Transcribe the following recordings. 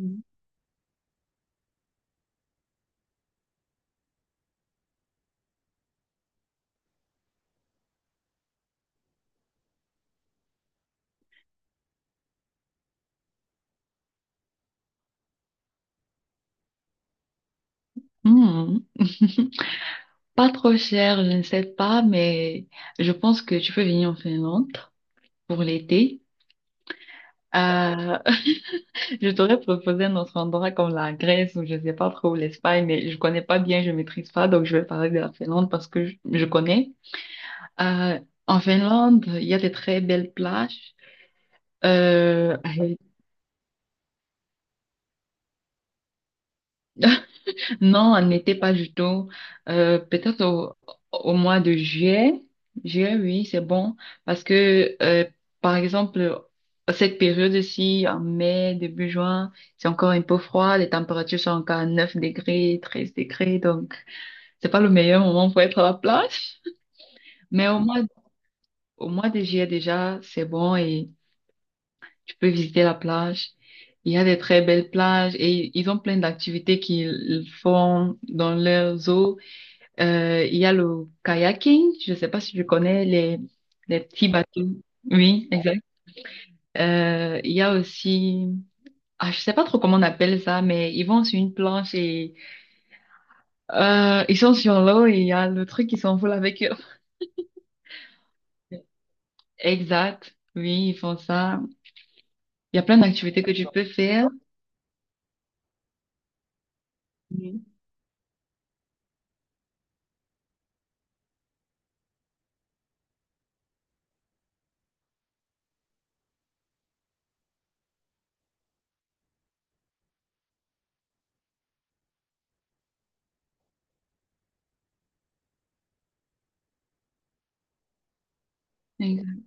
Mm. Hmm. Pas trop cher, je ne sais pas, mais je pense que tu peux venir en Finlande pour l'été. Euh, je t'aurais proposé un autre endroit comme la Grèce ou je ne sais pas trop l'Espagne, mais je connais pas bien, je maîtrise pas, donc je vais parler de la Finlande parce que je connais. Euh, En Finlande, il y a des très belles plages. Euh, Non, on n'était pas du tout. Peut-être au mois de juillet. Juillet, oui, c'est bon. Parce que, par exemple, cette période-ci, en mai, début juin, c'est encore un peu froid. Les températures sont encore à 9 degrés, 13 degrés. Donc, c'est pas le meilleur moment pour être à la plage. Mais au mois, au mois de juillet, déjà, c'est bon et tu peux visiter la plage. Il y a des très belles plages et ils ont plein d'activités qu'ils font dans leurs eaux. Il y a le kayaking, je ne sais pas si tu connais les petits bateaux. Oui, exact. Il y a aussi, ah, je sais pas trop comment on appelle ça, mais ils vont sur une planche et ils sont sur l'eau et il y a le truc qui s'envole avec eux. Exact. Oui, ils font ça. Il y a plein d'activités que tu peux faire. Exact.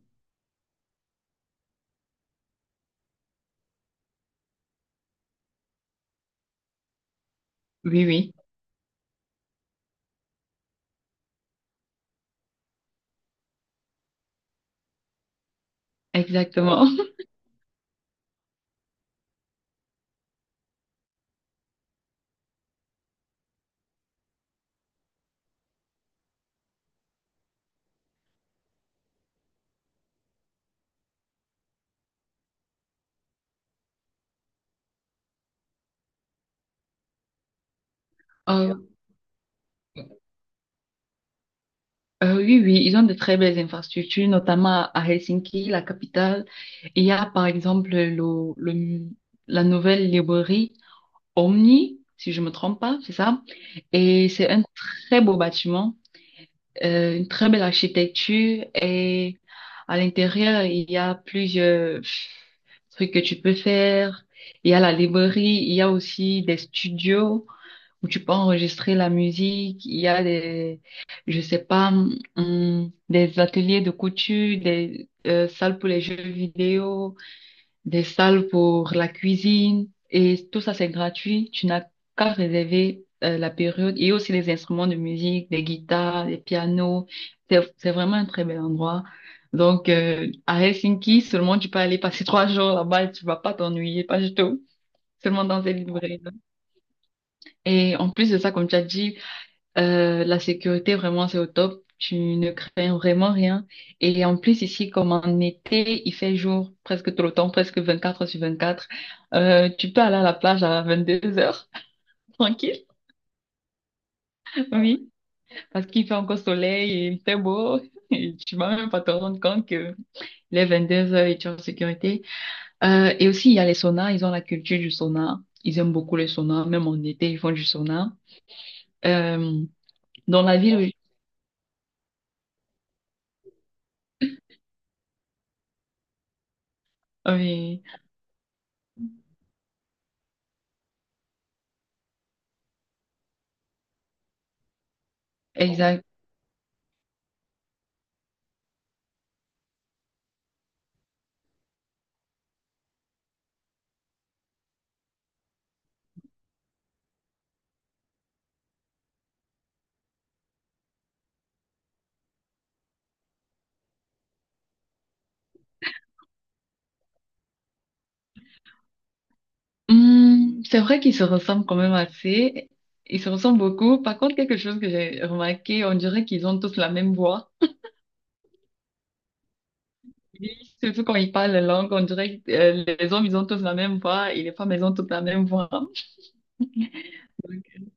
Oui, oui, exactement. Euh, oui, oui, ils ont de très belles infrastructures, notamment à Helsinki, la capitale. Il y a par exemple le- la nouvelle librairie Omni, si je me trompe pas, c'est ça. Et c'est un très beau bâtiment, une très belle architecture. Et à l'intérieur, il y a plusieurs trucs que tu peux faire. Il y a la librairie, il y a aussi des studios où tu peux enregistrer la musique. Il y a je sais pas, des ateliers de couture, des salles pour les jeux vidéo, des salles pour la cuisine. Et tout ça, c'est gratuit. Tu n'as qu'à réserver la période, et aussi les instruments de musique, des guitares, des pianos. C'est vraiment un très bel endroit. Donc, à Helsinki, seulement tu peux aller passer 3 jours là-bas et tu vas pas t'ennuyer, pas du tout. Seulement dans ces librairies. Et en plus de ça, comme tu as dit, la sécurité, vraiment, c'est au top. Tu ne crains vraiment rien. Et en plus, ici, comme en été, il fait jour presque tout le temps, presque 24 heures sur 24. Tu peux aller à la plage à 22 heures, tranquille, oui, parce qu'il fait encore soleil et il fait beau. Et tu vas même pas te rendre compte que les 22 heures, et tu es en sécurité. Et aussi, il y a les saunas. Ils ont la culture du sauna. Ils aiment beaucoup les saunas. Même en été, ils font du sauna. Euh, dans la ville, où- oui. Hmm, c'est vrai qu'ils se ressemblent quand même assez. Ils se ressemblent beaucoup. Par contre, quelque chose que j'ai remarqué, on dirait qu'ils ont tous la même voix. Oui. Surtout quand ils parlent la langue, on dirait que les hommes, ils ont tous la même voix et les femmes, elles ont toutes la même voix. Donc,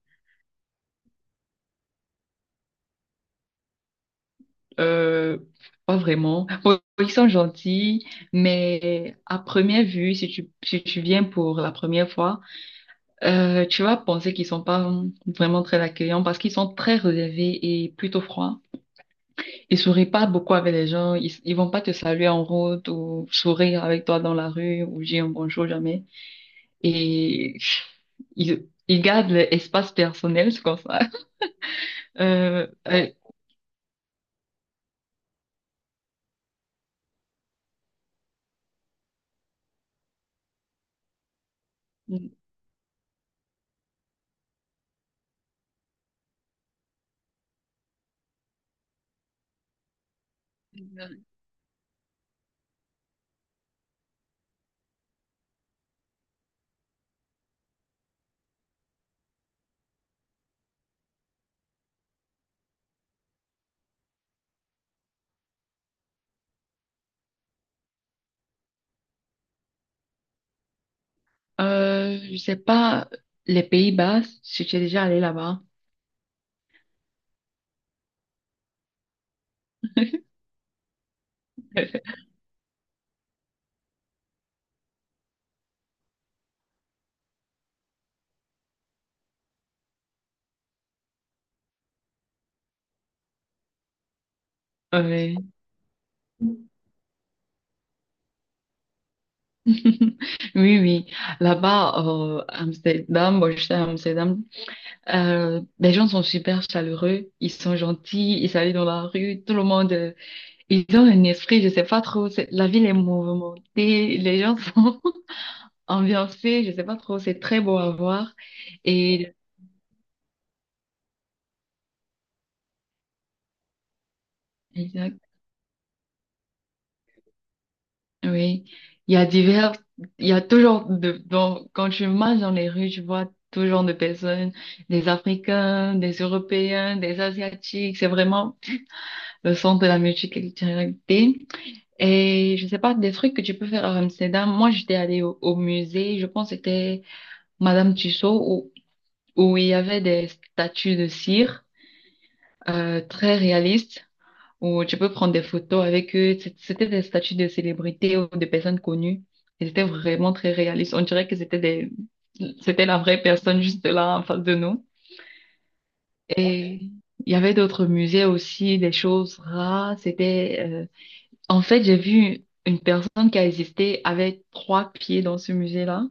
euh, pas vraiment. Bon, ils sont gentils, mais à première vue, si tu viens pour la première fois, tu vas penser qu'ils sont pas vraiment très accueillants parce qu'ils sont très relevés et plutôt froids. Ils sourient pas beaucoup avec les gens. Ils vont pas te saluer en route ou sourire avec toi dans la rue ou dire un bonjour jamais. Et ils gardent l'espace personnel, c'est comme ça. Euh, euh, je sais pas, les Pays-Bas, si tu es déjà allé là-bas. Ouais. Oui, oui. Là-bas, Amsterdam, bon, je suis à Amsterdam, les gens sont super chaleureux, ils sont gentils, ils s'allient dans la rue, tout le monde. Ils ont un esprit, je sais pas trop. La ville est mouvementée, les gens sont ambiancés, je sais pas trop. C'est très beau à voir. Et exact, oui, il y a divers, il y a toujours de. Donc, quand tu marches dans les rues, tu vois tout genre de personnes, des Africains, des Européens, des Asiatiques. C'est vraiment le centre de la multiculturalité. Et je sais pas des trucs que tu peux faire à Amsterdam. Moi, j'étais allée au musée. Je pense que c'était Madame Tussaud où il y avait des statues de cire, très réalistes, où tu peux prendre des photos avec eux. C'était des statues de célébrités ou de personnes connues. Et c'était vraiment très réaliste. On dirait que c'était des... c'était la vraie personne juste là en face de nous. Et il y avait d'autres musées aussi, des choses rares. En fait, j'ai vu une personne qui a existé avec 3 pieds dans ce musée-là.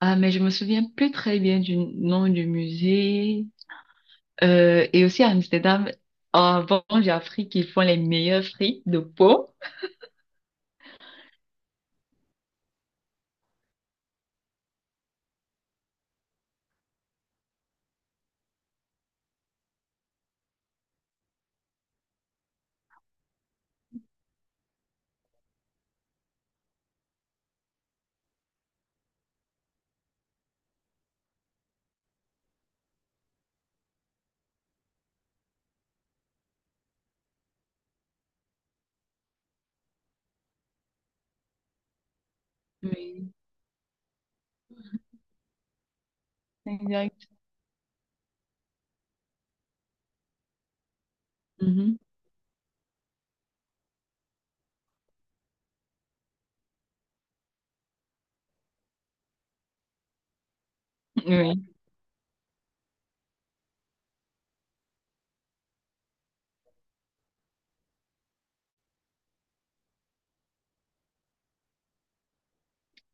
Ah, mais je me souviens plus très bien du nom du musée. Et aussi à Amsterdam, avant, j'ai appris qu'ils font les meilleurs frites de peau. Oui, exact. Mhm. Oui.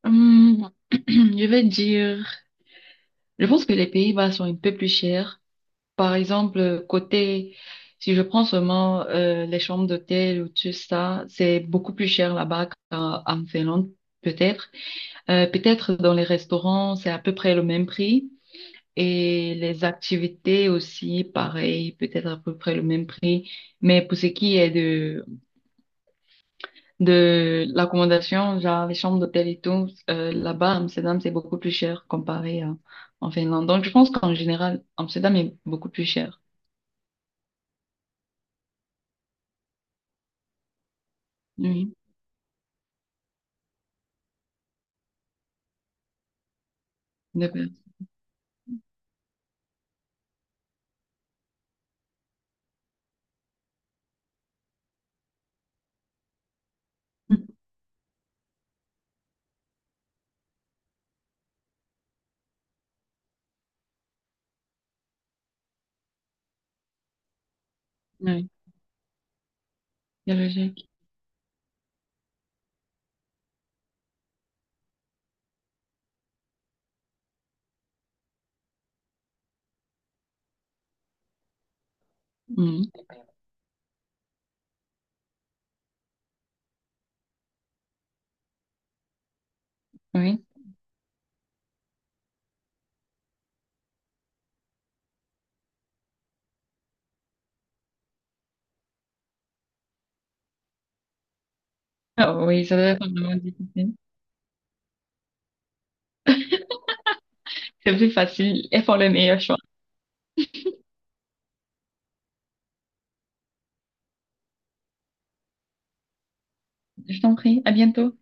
Hum, je vais dire, je pense que les Pays-Bas sont un peu plus chers. Par exemple, côté, si je prends seulement les chambres d'hôtel ou tout ça, c'est beaucoup plus cher là-bas qu'en en Finlande, peut-être. Peut-être dans les restaurants, c'est à peu près le même prix. Et les activités aussi, pareil, peut-être à peu près le même prix. Mais pour ce qui est de l'accommodation, genre les chambres d'hôtel et tout, là-bas, à Amsterdam, c'est beaucoup plus cher comparé à, en Finlande. Donc, je pense qu'en général, Amsterdam est beaucoup plus cher. Oui, de base. Oui, c'est logique. Mhm. Oui. Ah oui, ça doit être vraiment difficile. C'est plus facile. Elles font le meilleur choix. Je t'en prie. À bientôt.